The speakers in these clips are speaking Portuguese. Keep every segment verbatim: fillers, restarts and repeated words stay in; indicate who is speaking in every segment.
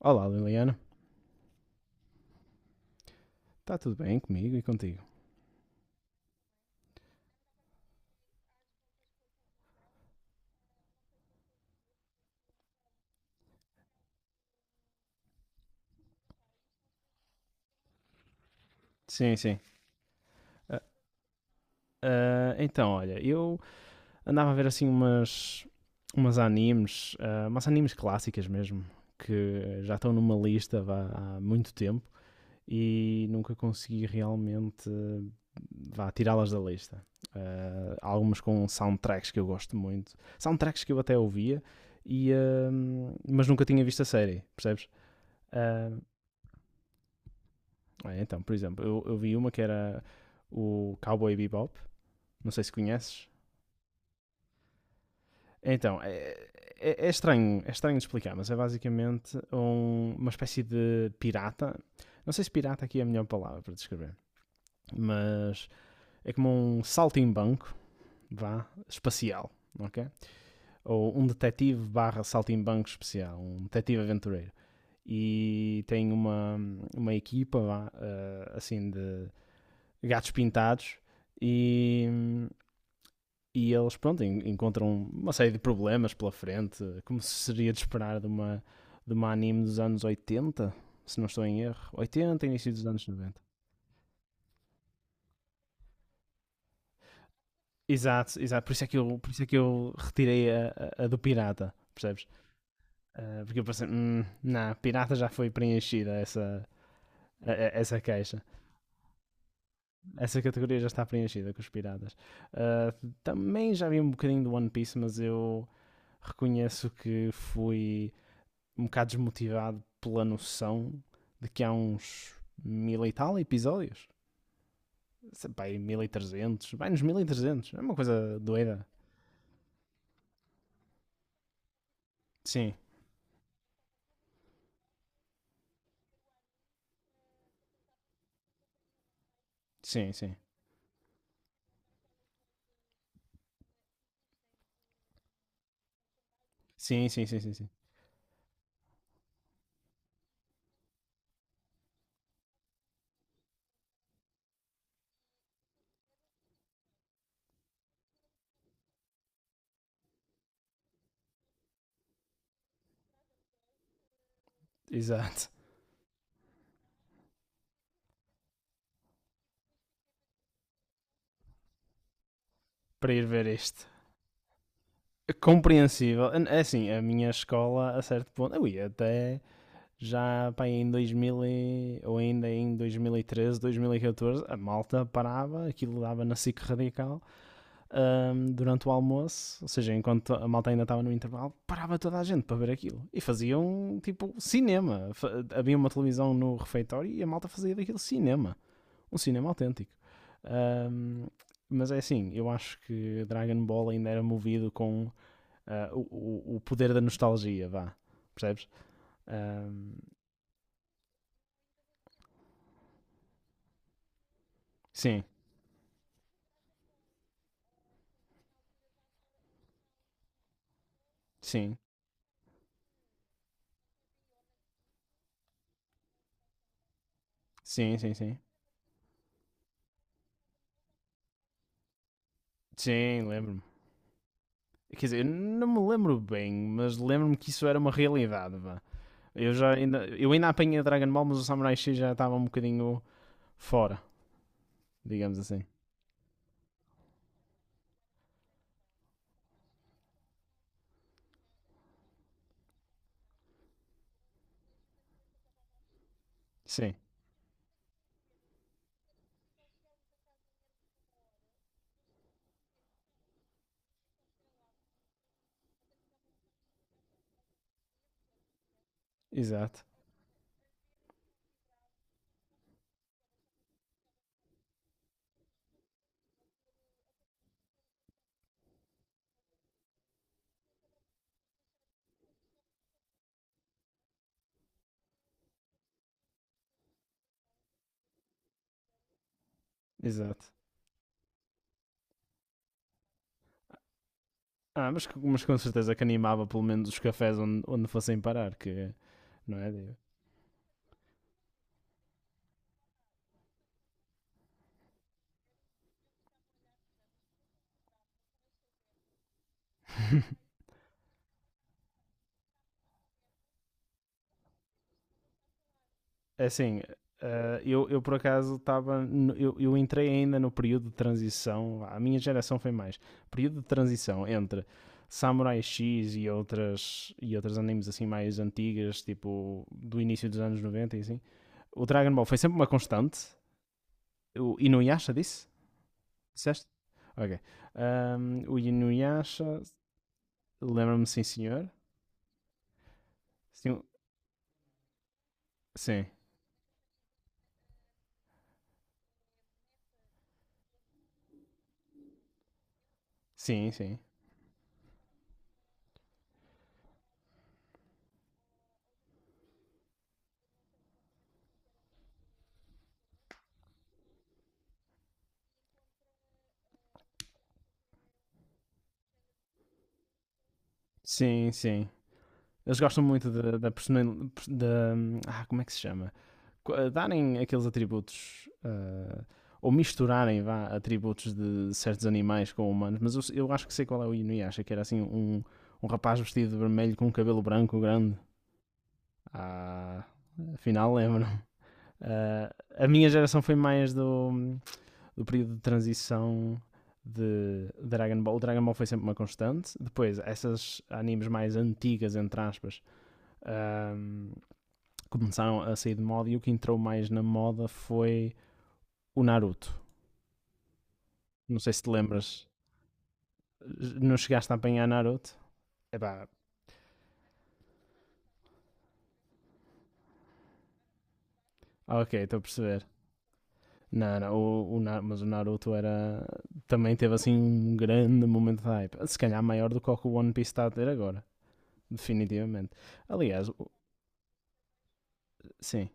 Speaker 1: Olá, Liliana. Está tudo bem comigo e contigo? Sim, sim. Ah, ah, então, olha, eu andava a ver assim umas, umas animes, ah, umas animes clássicas mesmo, que já estão numa lista vá, há muito tempo e nunca consegui realmente vá, tirá-las da lista. Ah, há algumas com soundtracks que eu gosto muito, soundtracks que eu até ouvia, e, ah, mas nunca tinha visto a série, percebes? Ah, Ah, então, por exemplo, eu, eu vi uma que era o Cowboy Bebop, não sei se conheces. Então, é, é, é estranho, é estranho de explicar, mas é basicamente um- uma espécie de pirata. Não sei se pirata aqui é a melhor palavra para descrever, mas é como um saltimbanco, vá, espacial, ok? Ou um detetive barra saltimbanco especial, um detetive aventureiro. E tem uma, uma equipa, vá, eh, assim, de gatos pintados e, e eles, pronto, encontram uma série de problemas pela frente, como se seria de esperar de uma, de uma anime dos anos oitenta, se não estou em erro. oitenta, início dos anos noventa. Exato, exato. Por isso é que eu, por isso é que eu retirei a, a- a do pirata, percebes? Ah, porque eu pensei, hum, não, pirata já foi preenchida essa, essa queixa. Essa categoria já está preenchida com os piratas. Ah, também já vi um bocadinho do One Piece, mas eu reconheço que fui um bocado desmotivado pela noção de que há uns mil e tal episódios. Sei, mil e trezentos, vai nos mil e trezentos. É uma coisa doida. Sim, sim, sim. Sim, sim, sim, sim, sim. Exato. Para ir ver este. Compreensível. É é assim, a minha escola, a certo ponto, eu ia até já pá, em dois mil e- ou ainda em dois dois mil mil e treze, dois mil e catorze a malta parava, aquilo dava na SIC Radical, ahm, durante o almoço, ou seja, enquanto a malta ainda estava no intervalo, parava toda a gente para ver aquilo. E faziam tipo cinema. Havia uma televisão no refeitório e a malta fazia daquilo cinema. Um cinema autêntico. Ahm, mas é assim, eu acho que Dragon Ball ainda era movido com ah, o- o, poder da nostalgia, vá. Percebes? Ahm, sim, sim, sim, sim, sim. Sim, lembro-me. Quer dizer, eu não me lembro bem, mas lembro-me que isso era uma realidade, vá. Eu, já ainda, eu ainda apanhei a Dragon Ball, mas o Samurai X já estava um bocadinho fora, digamos assim. Sim, exato, exato. Ah, mas, mas com certeza que animava pelo menos os cafés onde, onde fossem parar, que não é? Assim, Uh, eu, eu por acaso estava. Eu, eu entrei ainda no período de transição. A minha geração foi mais. Período de transição entre Samurai X e outras, e outras animes assim mais antigas, tipo do início dos anos noventa e assim. O Dragon Ball foi sempre uma constante. O Inuyasha disse? Disseste? Ok. Ahm, o Inuyasha, lembra-me, sim, senhor. Sim, sim, sim, sim. Sim, sim. Eles gostam muito da, da Da, ah, como é que se chama? eh, Darem aqueles atributos. ah, ou misturarem vá, atributos de certos animais com humanos. Mas eu, eu acho que sei qual é o Inuyasha, que era assim um, um rapaz vestido de vermelho com um cabelo branco grande. Ah, afinal lembro. Ah, a minha geração foi mais do, do período de transição de Dragon Ball. O Dragon Ball foi sempre uma constante. Depois, essas animes mais antigas, entre aspas, ahm, começaram a sair de moda e o que entrou mais na moda foi o Naruto. Não sei se te lembras. Não chegaste a apanhar Naruto? Epá, ah, ok, estou a perceber. Não, não, o, o mas o Naruto era. Também teve assim um grande momento de hype. Se calhar maior do que o que o One Piece está a ter agora. Definitivamente. Aliás, o- sim,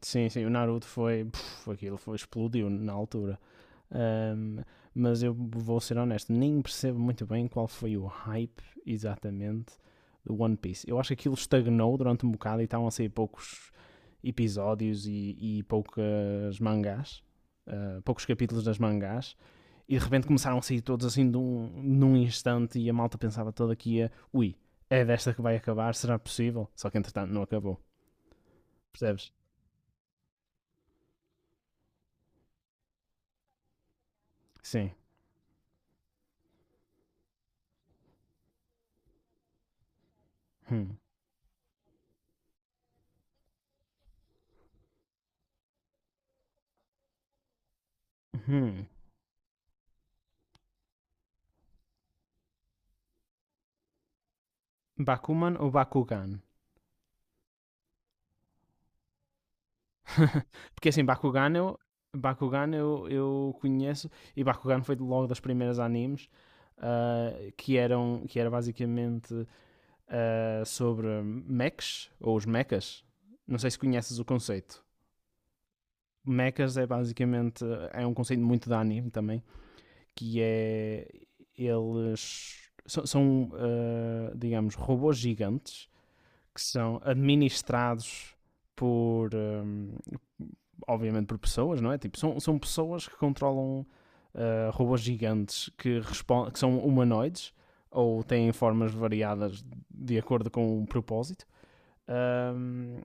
Speaker 1: sim, sim, o Naruto foi, puf, aquilo foi, explodiu na altura. Ahm, mas eu vou ser honesto, nem percebo muito bem qual foi o hype exatamente do One Piece. Eu acho que aquilo estagnou durante um bocado e estavam a sair poucos episódios e, e poucas mangás. Ah, poucos capítulos das mangás e de repente começaram a sair todos assim de um- num instante e a malta pensava toda que ia ui, é desta que vai acabar, será possível? Só que entretanto não acabou. Percebes? Sim. Hum. Hum. Bakuman ou Bakugan? Porque assim, Bakugan eu, Bakugan eu, eu conheço e Bakugan foi logo das primeiras animes, ah, que eram que era basicamente, ah, sobre mechs ou os mechas. Não sei se conheces o conceito. Mechas é basicamente é um conceito muito de anime também, que é eles são, são, ah, digamos, robôs gigantes que são administrados por, hum, obviamente, por pessoas, não é? Tipo, são, são pessoas que controlam, ah, robôs gigantes que, respon- que são humanoides ou têm formas variadas de acordo com o propósito. Hum,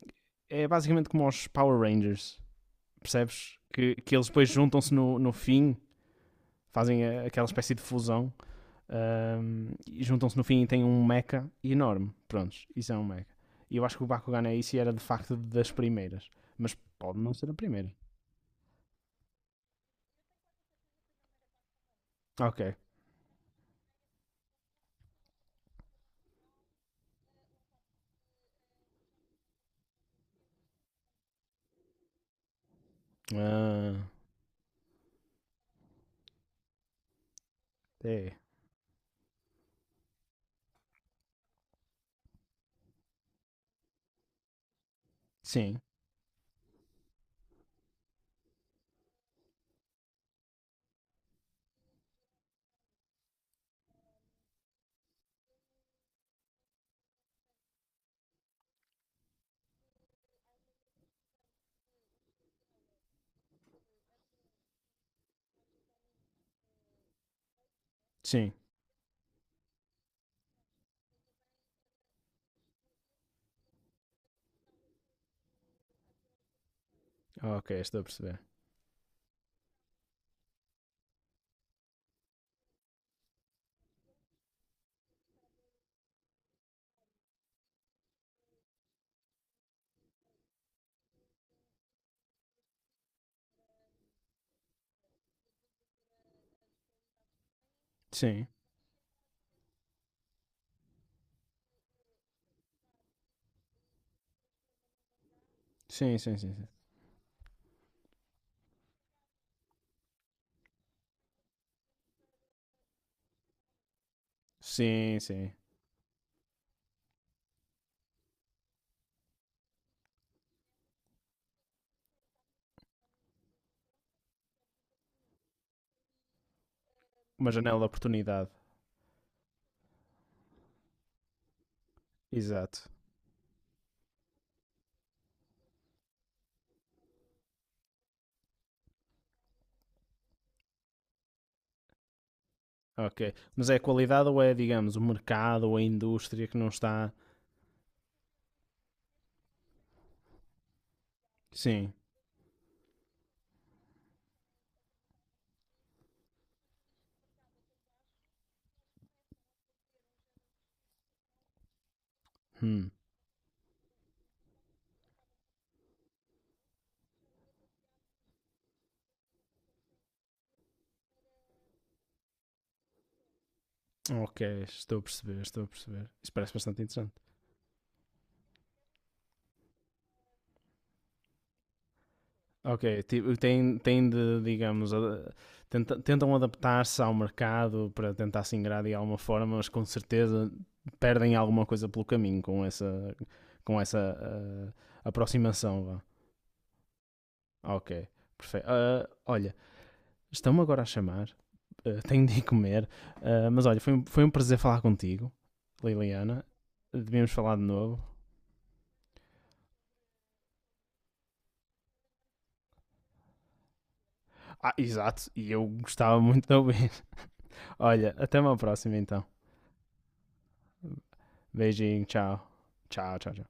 Speaker 1: é basicamente como os Power Rangers, percebes? Que, que eles depois juntam-se no, no fim, fazem a- aquela espécie de fusão, um, e juntam-se no fim e têm um mecha enorme. Prontos, isso é um mecha. E eu acho que o Bakugan é isso e era de facto das primeiras. Mas pode não ser a primeira. Ok. Ah, é. Sim, sim. Ok, estou a perceber. Sim, sim, sim, sim. Sim, sim. Sim. Uma janela de oportunidade. Exato. Ok. Mas é a qualidade ou é, digamos, o mercado ou a indústria que não está. Sim. Hum. Ok, estou a perceber, estou a perceber. Isso parece bastante interessante. Ok, tipo, tem, tem de, digamos, a- tenta- tentam adaptar-se ao mercado para tentar se ingrar de alguma forma, mas com certeza perdem alguma coisa pelo caminho com essa, com essa ah, aproximação, vá. Ok, perfeito. Ah, olha, estão-me agora a chamar, ah, tenho de ir comer, ah, mas olha, foi, um- foi um prazer falar contigo, Liliana. Devíamos falar de novo. Ah, exato, e eu gostava muito de ouvir. Olha, até uma próxima então. Beijinho, tchau. Tchau, tchau, tchau.